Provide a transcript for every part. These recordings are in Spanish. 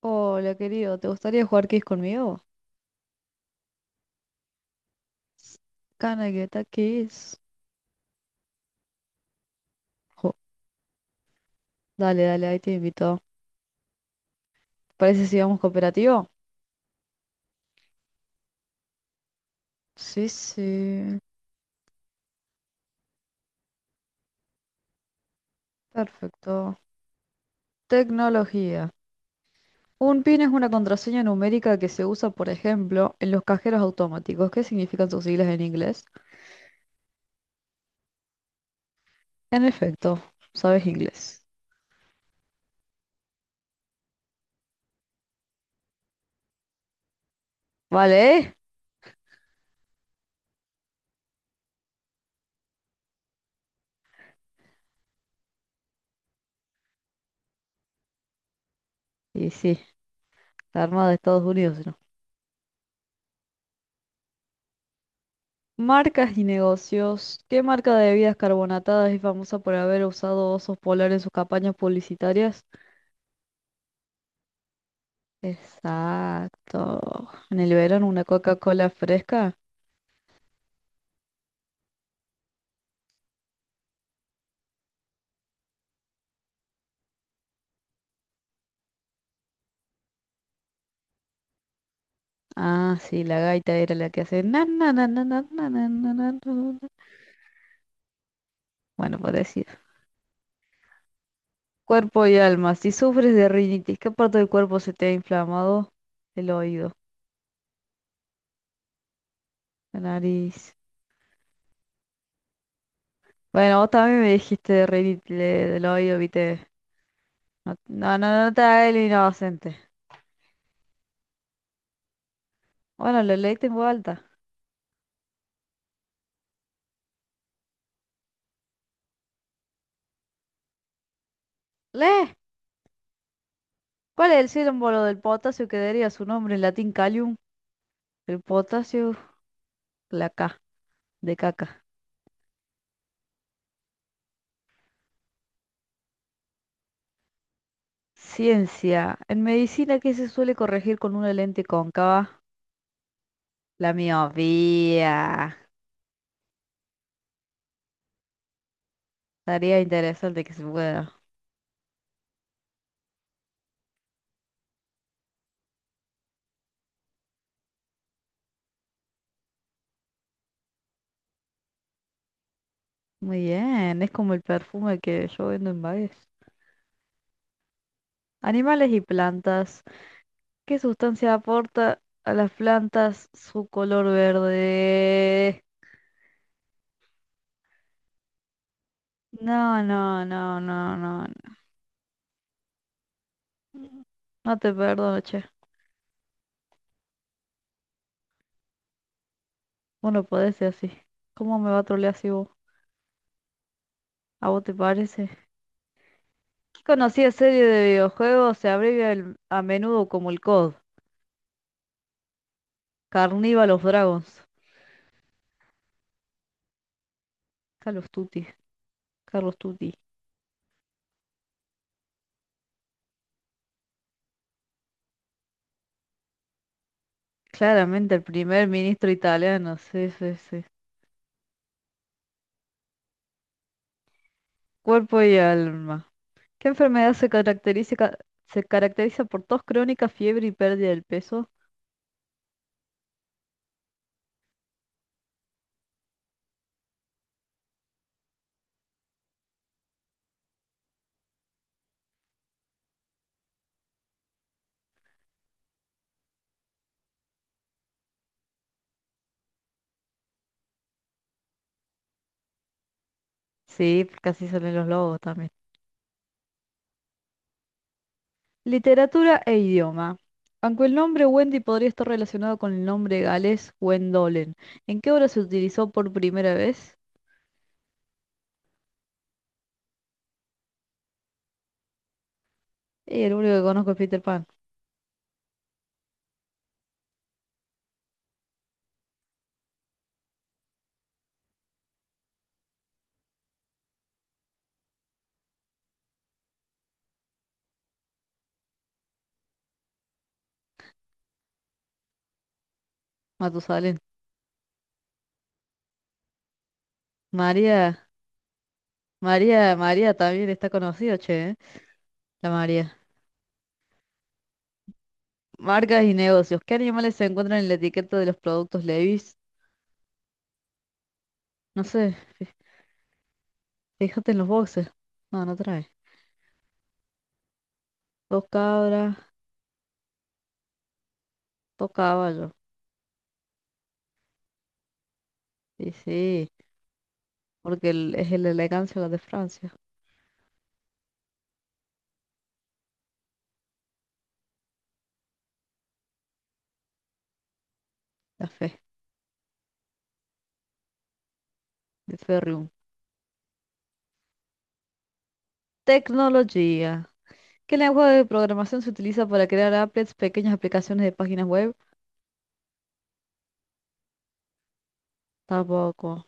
Hola, querido, ¿te gustaría jugar Kiss conmigo? Can I get a kiss? Jo, dale, dale, ahí te invito. ¿Parece si vamos cooperativo? Sí, sí. Perfecto. Tecnología. Un PIN es una contraseña numérica que se usa, por ejemplo, en los cajeros automáticos. ¿Qué significan sus siglas en inglés? En efecto, sabes inglés. ¿Vale? ¿eh? Y sí, la Armada de Estados Unidos. Marcas y negocios. ¿Qué marca de bebidas carbonatadas es famosa por haber usado osos polares en sus campañas publicitarias? Exacto. En el verano una Coca-Cola fresca. Ah, sí, la gaita era la que hace na na na na na na na na na, na, na. Bueno, parecido. Cuerpo y alma. Si sufres de rinitis, ¿qué parte del cuerpo se te ha inflamado? El oído, la nariz. Bueno, vos también me dijiste de rinitis del oído, viste. No, no, no, no te hagas el inocente. Bueno, lo leí en voz alta. ¡Lee! ¿Cuál es el símbolo del potasio que daría su nombre en latín calium? El potasio, la K, de caca. Ciencia. En medicina, ¿qué se suele corregir con una lente cóncava? La miopía. Estaría interesante que se pueda. Muy bien, es como el perfume que yo vendo en Baez. Animales y plantas. ¿Qué sustancia aporta a las plantas su color verde? No, no, no, no, no. No te perdono, che. Vos no podés ser así. ¿Cómo me va a trolear así vos? ¿A vos te parece? ¿Qué conocida serie de videojuegos se abrevia a menudo como el COD? Carnival of Dragons. Carlos Tutti. Carlos Tutti. Claramente el primer ministro italiano. Sí, sí, sí. Cuerpo y alma. ¿Qué enfermedad se caracteriza por tos crónica, fiebre y pérdida del peso? Sí, casi salen los lobos también. Literatura e idioma. Aunque el nombre Wendy podría estar relacionado con el nombre galés Wendolen, ¿en qué obra se utilizó por primera vez? Y el único que conozco es Peter Pan, Matusalén. María, María, María también está conocida, che, ¿eh? La María. Marcas y negocios. ¿Qué animales se encuentran en la etiqueta de los productos Levi's? No sé, fíjate en los boxes. No, no trae. Dos cabras, dos caballos. Y sí, porque es el elegancia la de Francia, la fe, de Ferrium. Tecnología. ¿Qué lenguaje de programación se utiliza para crear applets, pequeñas aplicaciones de páginas web? Tampoco.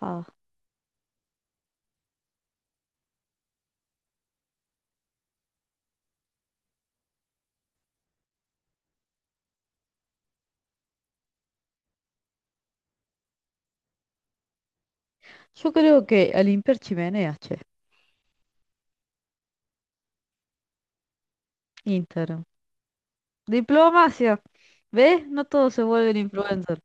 Ah, yo creo que al Imper Chimenea, che. Intern. Diplomacia. ¿Ves? No todos se vuelven influencers.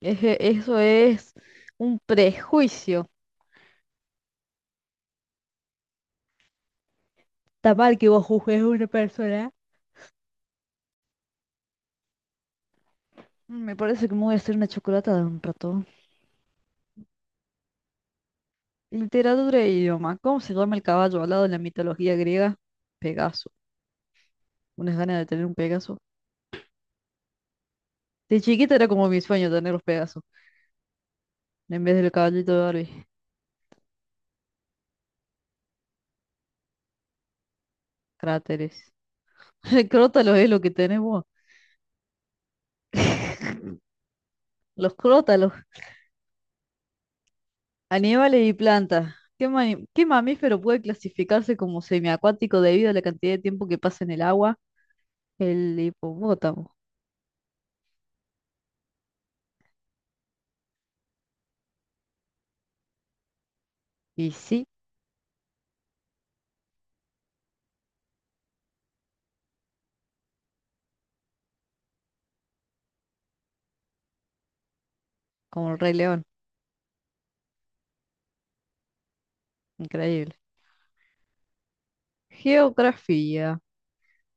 Eje, eso es un prejuicio. Está mal que vos juzgues a una persona. Me parece que me voy a hacer una chocolata de un rato. Literatura e idioma. ¿Cómo se llama el caballo alado en la mitología griega? Pegaso. ¿Unas ganas de tener un Pegaso? De chiquita era como mi sueño tener los Pegasos, en vez del caballito de Barbie. Cráteres. Crótalos es lo que tenemos. Los crótalos, animales y plantas. ¿Qué mamífero puede clasificarse como semiacuático debido a la cantidad de tiempo que pasa en el agua? El hipopótamo. Y sí, como el Rey León. Increíble. Geografía.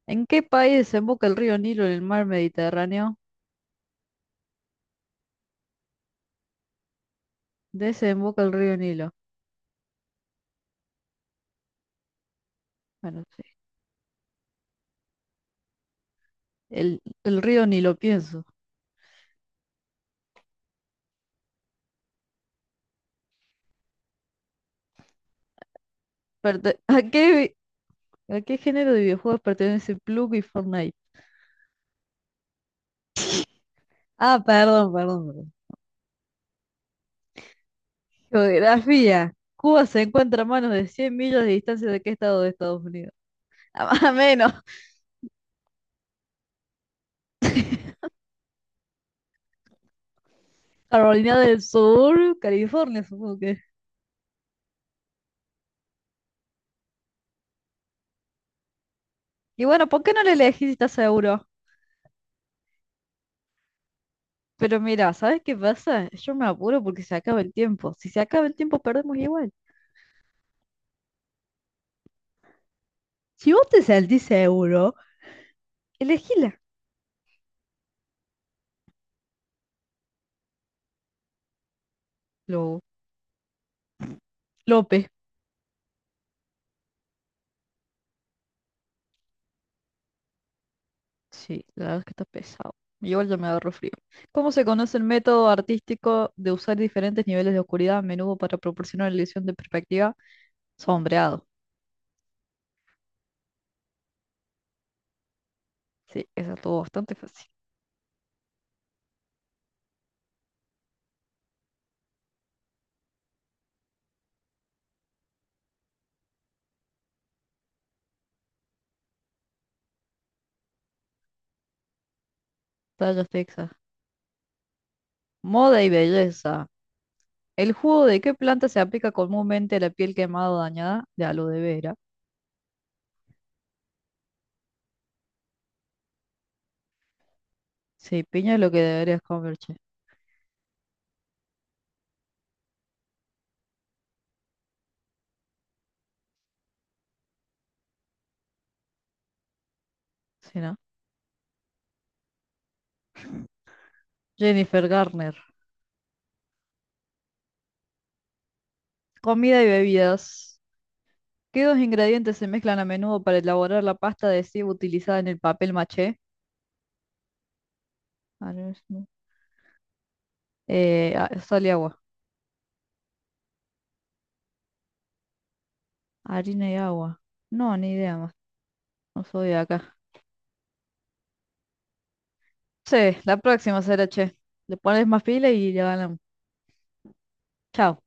¿En qué país desemboca el río Nilo en el mar Mediterráneo? Desemboca el río Nilo. Bueno, sí. El río Nilo, pienso. Perte- ¿A qué ¿A qué género de videojuegos pertenece Plug y Fortnite? Ah, perdón, perdón, perdón. Geografía. Cuba se encuentra a menos de 100 millas de distancia de qué estado de Estados Unidos. A más o menos. Carolina del Sur, California, supongo que. Y bueno, ¿por qué no le elegí si estás seguro? Pero mira, ¿sabes qué pasa? Yo me apuro porque se acaba el tiempo. Si se acaba el tiempo, perdemos igual. Si vos te sentís seguro, elegíla. Lo, López. Sí, la verdad es que está pesado. Igual ya me agarro frío. ¿Cómo se conoce el método artístico de usar diferentes niveles de oscuridad a menudo para proporcionar la ilusión de perspectiva? Sombreado. Sí, esa estuvo bastante fácil. Tallas Texas. Moda y belleza. ¿El jugo de qué planta se aplica comúnmente a la piel quemada o dañada? De aloe vera. Sí, piña es lo que deberías comer, che. Sí, ¿no? Jennifer Garner. Comida y bebidas. ¿Qué dos ingredientes se mezclan a menudo para elaborar la pasta de cebo utilizada en el papel maché? Arroz, sal y agua. Harina y agua. No, ni idea más. No soy de acá. Sí, la próxima será, che. Le pones más pila y ya ganamos. Chao.